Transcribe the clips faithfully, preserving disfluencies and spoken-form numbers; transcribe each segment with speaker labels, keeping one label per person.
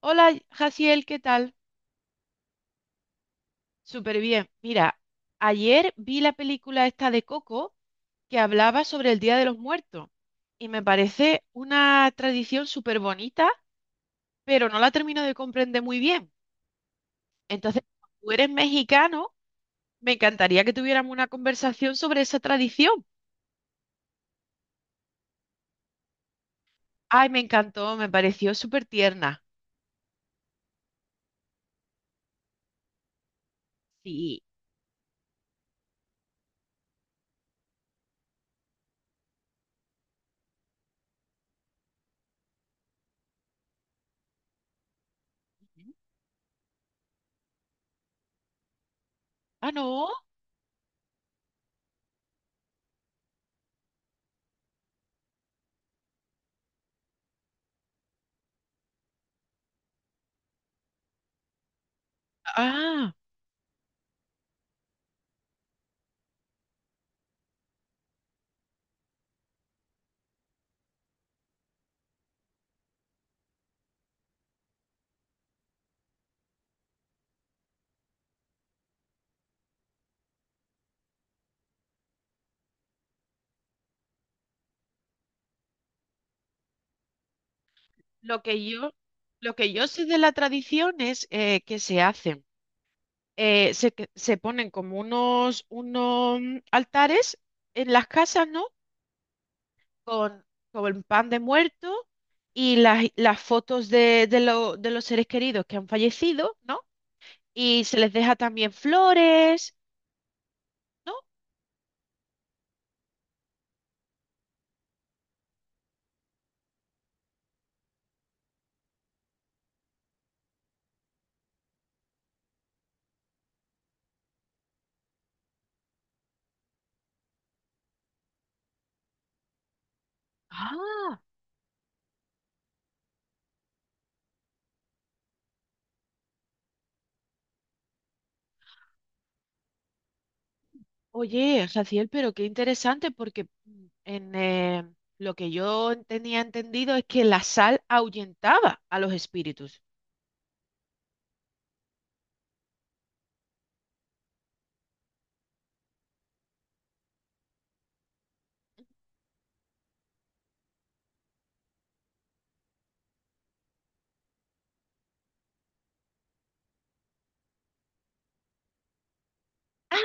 Speaker 1: Hola, Jaciel, ¿qué tal? Súper bien. Mira, ayer vi la película esta de Coco que hablaba sobre el Día de los Muertos y me parece una tradición súper bonita, pero no la termino de comprender muy bien. Entonces, como tú eres mexicano, me encantaría que tuviéramos una conversación sobre esa tradición. Ay, me encantó, me pareció súper tierna. Sí. Ah, no. Ah, lo que yo, lo que yo sé de la tradición es eh, que se hacen eh, se, que- se ponen como unos, unos mm, altares en las casas, ¿no? Con, con el pan de muerto y las, las fotos de, de, lo- de los seres queridos que han fallecido, ¿no? Y se les deja también flores, ¿no? Ah, oye, Jaciel, pero qué interesante porque mm, en, eh, lo que yo tenía entendido es que la sal ahuyentaba a los espíritus. Ah,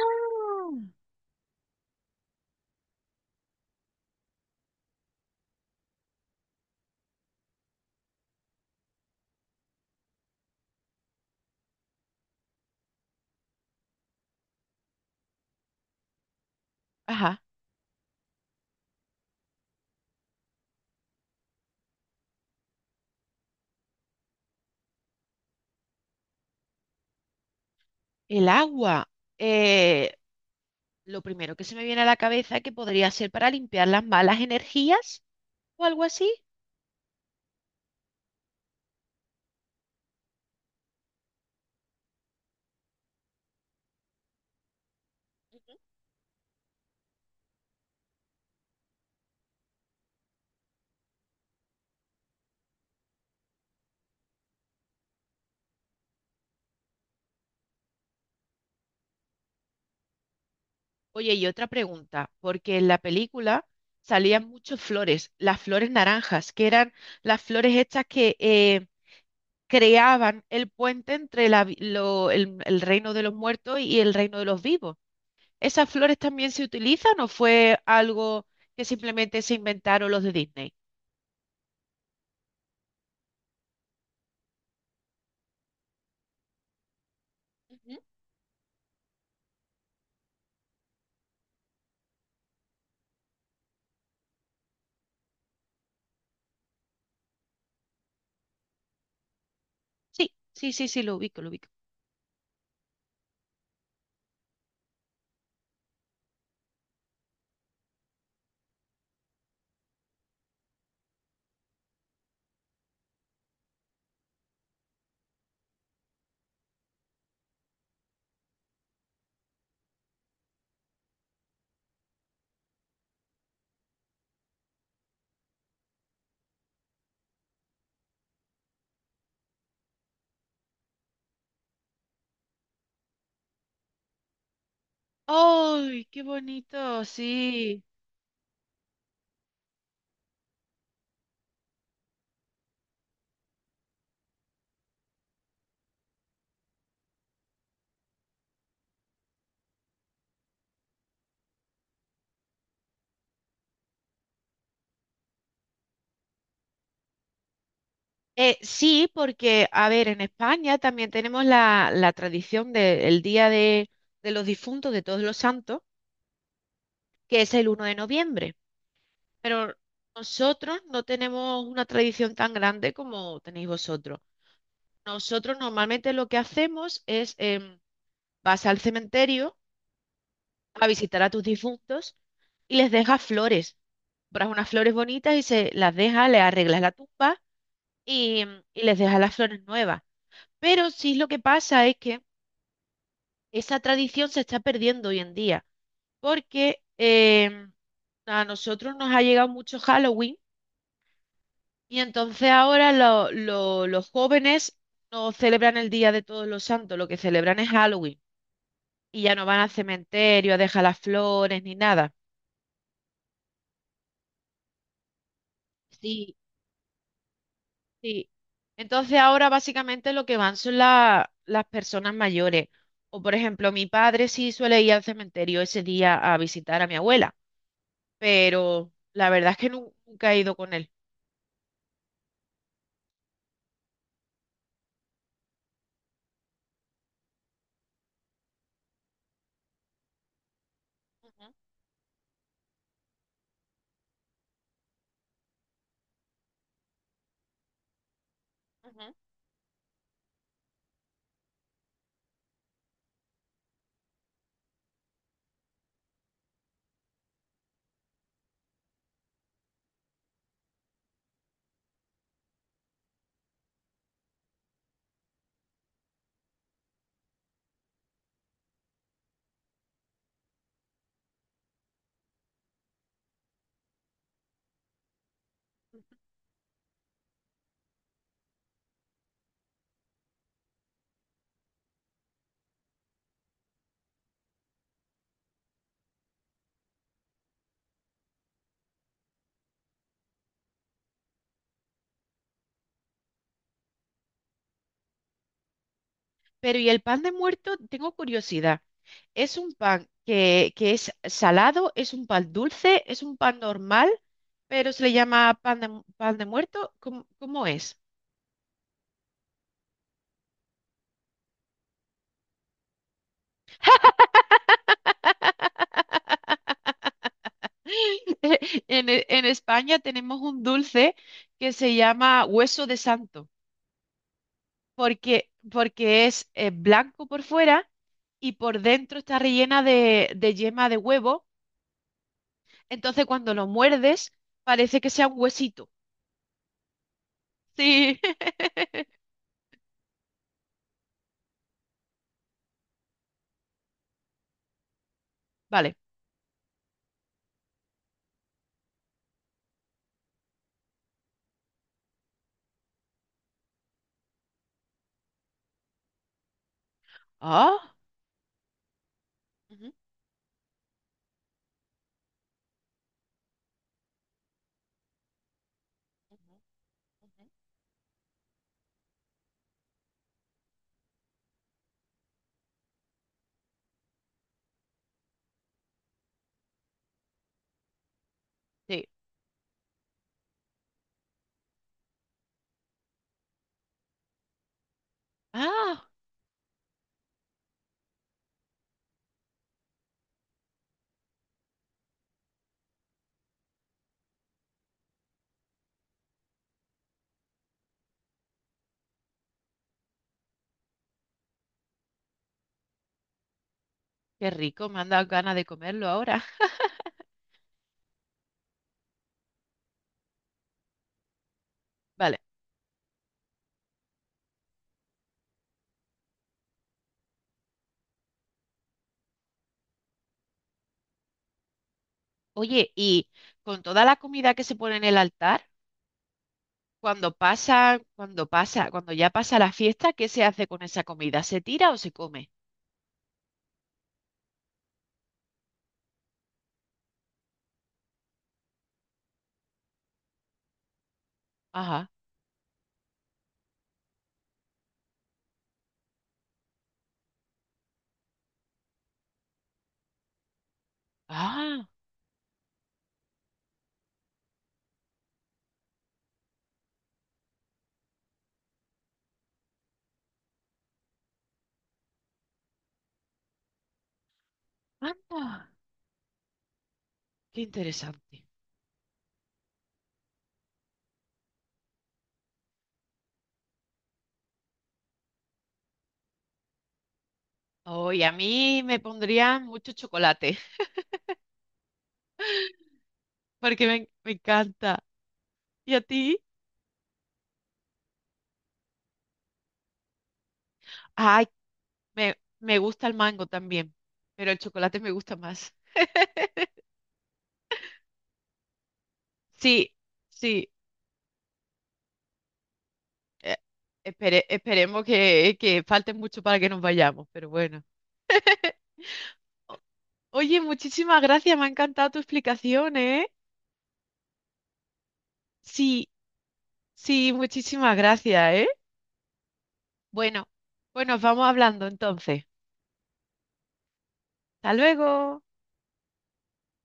Speaker 1: ajá, el agua. eh, Lo primero que se me viene a la cabeza es que podría ser para limpiar las malas energías o algo así. Oye, y otra pregunta, porque en la película salían muchas flores, las flores naranjas, que eran las flores estas que eh, creaban el puente entre la vi- lo- el, el reino de los muertos y el reino de los vivos. ¿Esas flores también se utilizan o fue algo que simplemente se inventaron los de Disney? Ujú. Sí, sí, sí, sí, lo ubico, lo ubico. ¡Ay, qué bonito! Sí. Eh, sí, porque, a ver, en España también tenemos la, la tradición del Día de, de los Difuntos, de Todos los Santos, que es el uno de noviembre. Pero nosotros no tenemos una tradición tan grande como tenéis vosotros. Nosotros normalmente lo que hacemos es, em, vas al cementerio a visitar a tus difuntos y les dejas flores. Compras unas flores bonitas y se las dejas, le arreglas la tumba y, y les dejas las flores nuevas. Pero sí lo que pasa es que esa tradición se está perdiendo hoy en día, porque em, a nosotros nos ha llegado mucho Halloween y entonces ahora lo- lo- los jóvenes no celebran el Día de Todos los Santos, lo que celebran es Halloween y ya no van al cementerio a dejar las flores ni nada. Sí, sí. Entonces ahora básicamente lo que van son la- las personas mayores. O por ejemplo, mi padre sí suele ir al cementerio ese día a visitar a mi abuela, pero la verdad es que nu- nunca he ido con él. Ujú, ujú. Pero ¿y el pan de muerto? Tengo curiosidad. ¿Es un pan que, que es salado? ¿Es un pan dulce? ¿Es un pan normal? Pero se le llama pan de, mu- pan de muerto. ¿Cómo, cómo es? En, E- en España tenemos un dulce que se llama hueso de santo, porque, porque es eh, blanco por fuera y por dentro está rellena de, de yema de huevo. Entonces cuando lo muerdes parece que sea un huesito. Sí, vale. Ah. Ujú, ujú, ujú. Sí. Ah, qué rico, me han dado ganas de comerlo ahora. Vale. Oye, y con toda la comida que se pone en el altar, cuando pasa, cuando pasa, cuando ya pasa la fiesta, ¿qué se hace con esa comida? ¿Se tira o se come? Ajá. Ah, anda. Qué interesante. Hoy a mí me pondrían mucho chocolate, porque me, me encanta. ¿Y a ti? Ay, me, me gusta el mango también, pero el chocolate me gusta más. Sí. Sí, Eh, espere- esperemos que, que falte mucho para que nos vayamos, pero bueno. Oye, muchísimas gracias, me ha encantado tu explicación, ¿eh? Sí, sí, muchísimas gracias, ¿eh? Bueno, pues nos vamos hablando entonces. Hasta luego.